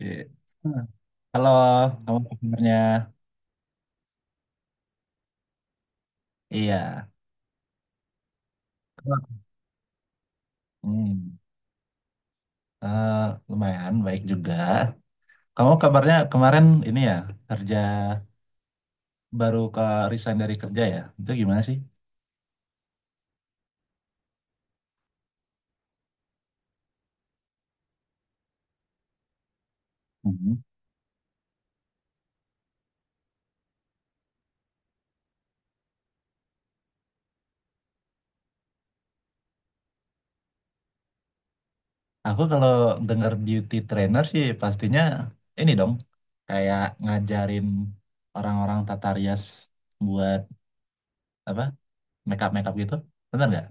Iya. Hmm. Halo, kamu apa kabarnya? Iya. Hmm, eh, lumayan baik juga. Kamu kabarnya kemarin ini ya kerja baru ke resign dari kerja ya? Itu gimana sih? Mhm. Aku kalau dengar beauty trainer sih pastinya ini dong kayak ngajarin orang-orang tata rias buat apa makeup makeup gitu, bener nggak?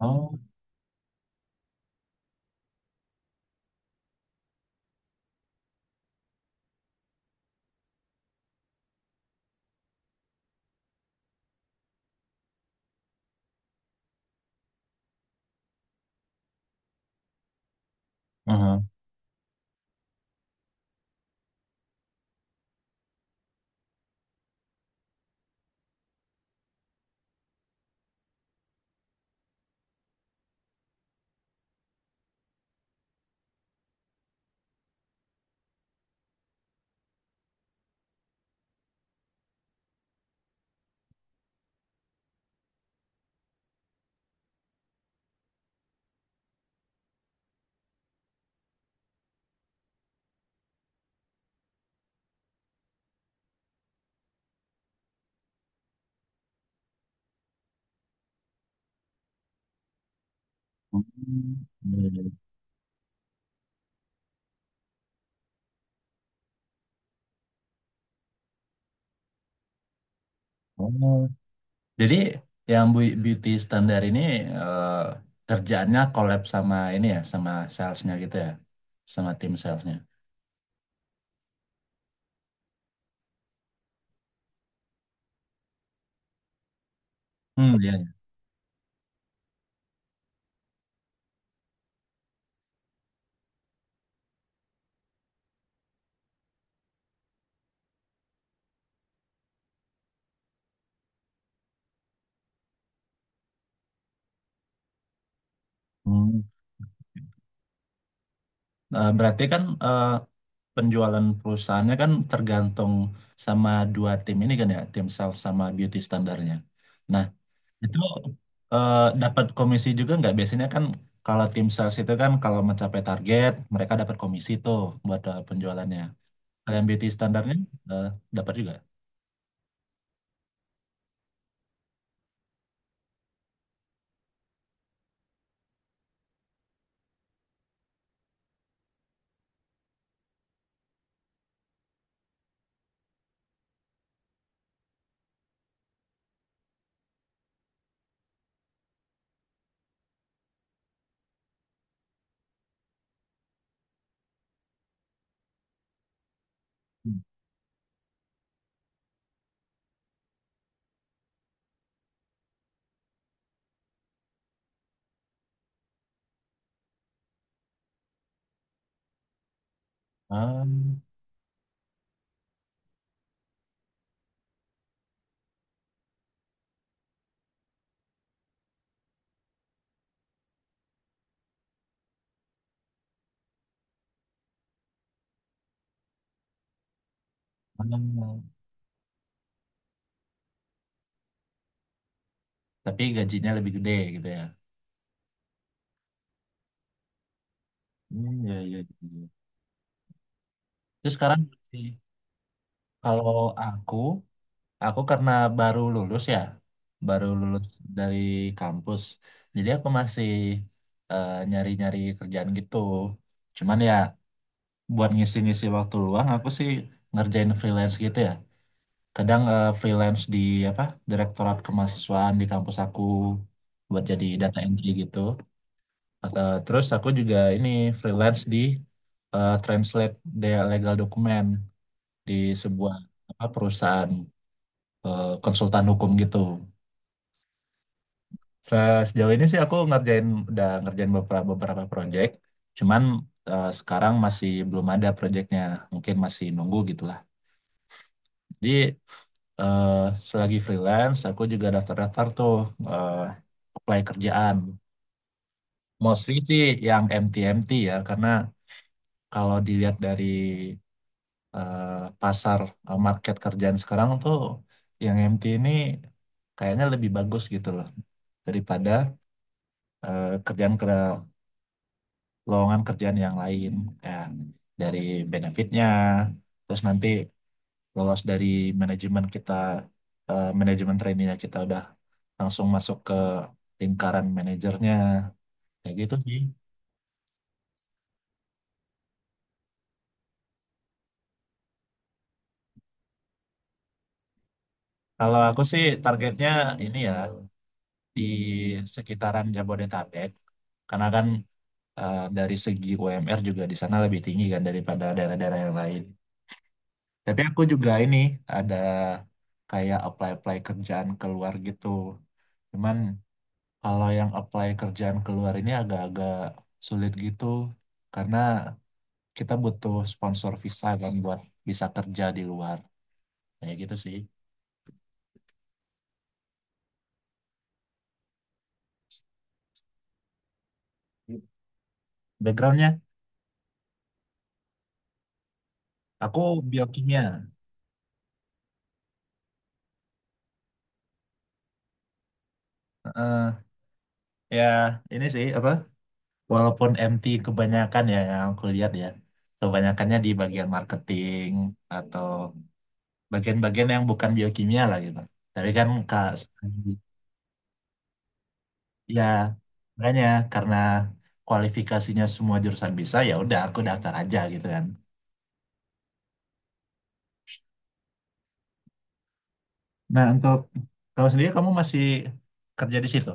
Oh, uh-huh. Hmm. Iya, iya. Oh. Jadi yang beauty standar ini eh, kerjaannya collab sama ini ya, sama salesnya gitu ya, sama tim salesnya. Hmm, iya, iya. Hmm. Berarti kan penjualan perusahaannya kan tergantung sama dua tim ini kan ya, tim sales sama beauty standarnya. Nah, itu eh, dapat komisi juga nggak? Biasanya kan kalau tim sales itu kan kalau mencapai target, mereka dapat komisi tuh buat penjualannya. Kalian beauty standarnya eh, dapat juga? Ah, ah, tapi gajinya lebih gede gitu ya. Hmm, ya, ya, ya. Terus sekarang sih, kalau aku, aku karena baru lulus ya, baru lulus dari kampus, jadi aku masih nyari-nyari kerjaan gitu. Cuman ya buat ngisi-ngisi waktu luang, aku sih ngerjain freelance gitu ya. Kadang freelance di apa Direktorat Kemahasiswaan di kampus aku buat jadi data entry gitu. Terus aku juga ini freelance di translate legal dokumen di sebuah apa perusahaan konsultan hukum gitu. Sejauh ini sih aku udah ngerjain beberapa beberapa project, cuman sekarang masih belum ada projectnya, mungkin masih nunggu gitulah. Jadi eh, selagi freelance aku juga daftar-daftar tuh eh, apply kerjaan. Mostly sih yang MT-MT ya, karena kalau dilihat dari eh, pasar market kerjaan sekarang tuh yang MT ini kayaknya lebih bagus gitu loh daripada kerjaan ke lowongan kerjaan yang lain kayak dari benefitnya terus nanti lolos dari manajemen kita manajemen trainee kita udah langsung masuk ke lingkaran manajernya kayak gitu sih. Kalau aku sih targetnya ini ya di sekitaran Jabodetabek karena kan dari segi UMR juga di sana lebih tinggi kan daripada daerah-daerah yang lain. Tapi aku juga ini ada kayak apply-apply kerjaan keluar gitu. Cuman kalau yang apply kerjaan keluar ini agak-agak sulit gitu karena kita butuh sponsor visa kan buat bisa kerja di luar. Kayak gitu sih. Backgroundnya, aku biokimia. Eh, ya ini sih apa? Walaupun MT kebanyakan ya yang aku lihat ya, kebanyakannya di bagian marketing atau bagian-bagian yang bukan biokimia lah gitu. Tapi kan kak, ya makanya karena kualifikasinya semua jurusan bisa, ya udah aku daftar aja gitu kan. Nah, untuk kamu sendiri kamu masih kerja di situ?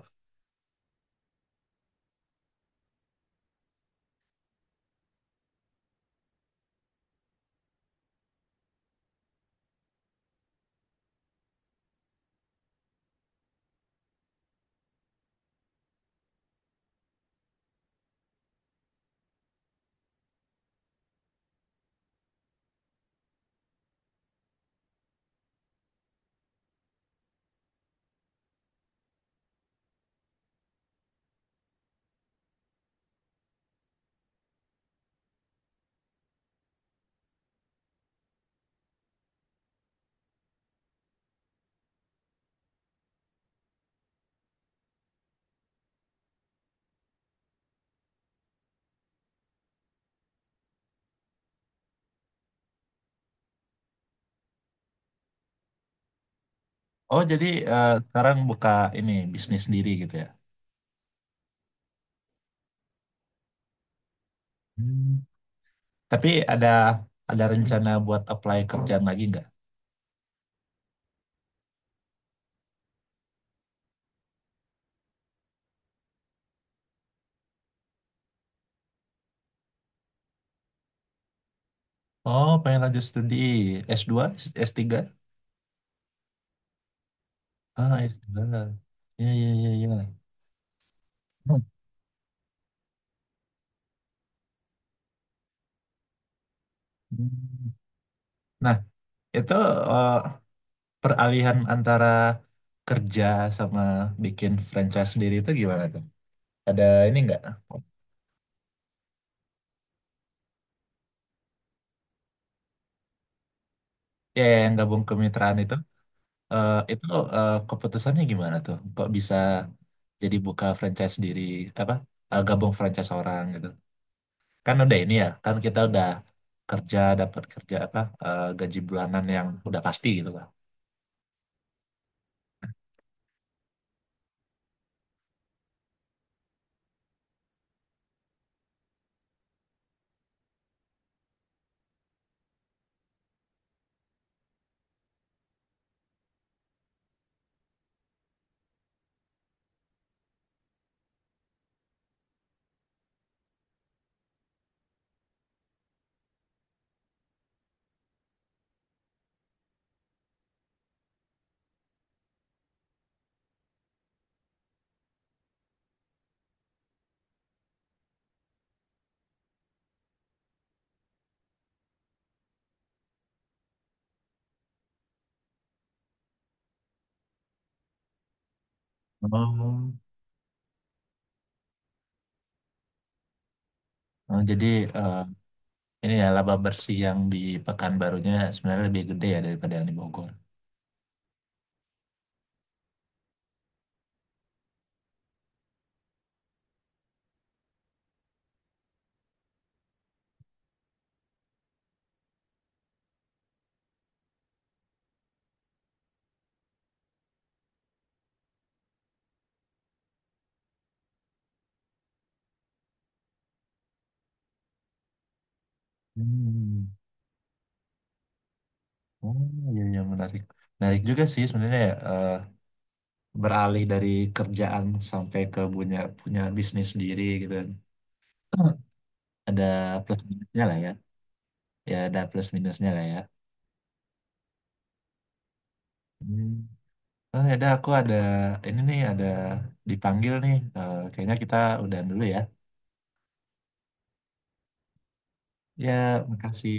Oh, jadi sekarang buka ini bisnis sendiri gitu ya? Hmm. Tapi ada rencana buat apply kerjaan lagi nggak? Oh, pengen lanjut studi S2, S3? Ah, S2. Ya, ya, ya, ya. Hmm. Nah, itu eh, peralihan antara kerja sama bikin franchise sendiri itu gimana tuh? Ada ini enggak? Ya, ya, yang gabung kemitraan itu, eh, itu keputusannya gimana tuh? Kok bisa jadi buka franchise sendiri, apa? Gabung franchise orang gitu? Kan udah ini ya kan kita udah kerja dapat kerja apa gaji bulanan yang udah pasti gitu kan. Oh. Nah, jadi eh, ini ya laba bersih yang di Pekanbarunya sebenarnya lebih gede ya daripada yang di Bogor. Hmm. Oh, iya, iya, menarik, menarik juga sih sebenarnya ya, beralih dari kerjaan sampai ke punya punya bisnis sendiri gitu kan. Ada plus minusnya lah ya, ya ada plus minusnya lah ya. Hmm. Oh, ya udah, aku ada ini nih, ada dipanggil nih. Kayaknya kita udahan dulu ya. Ya, makasih.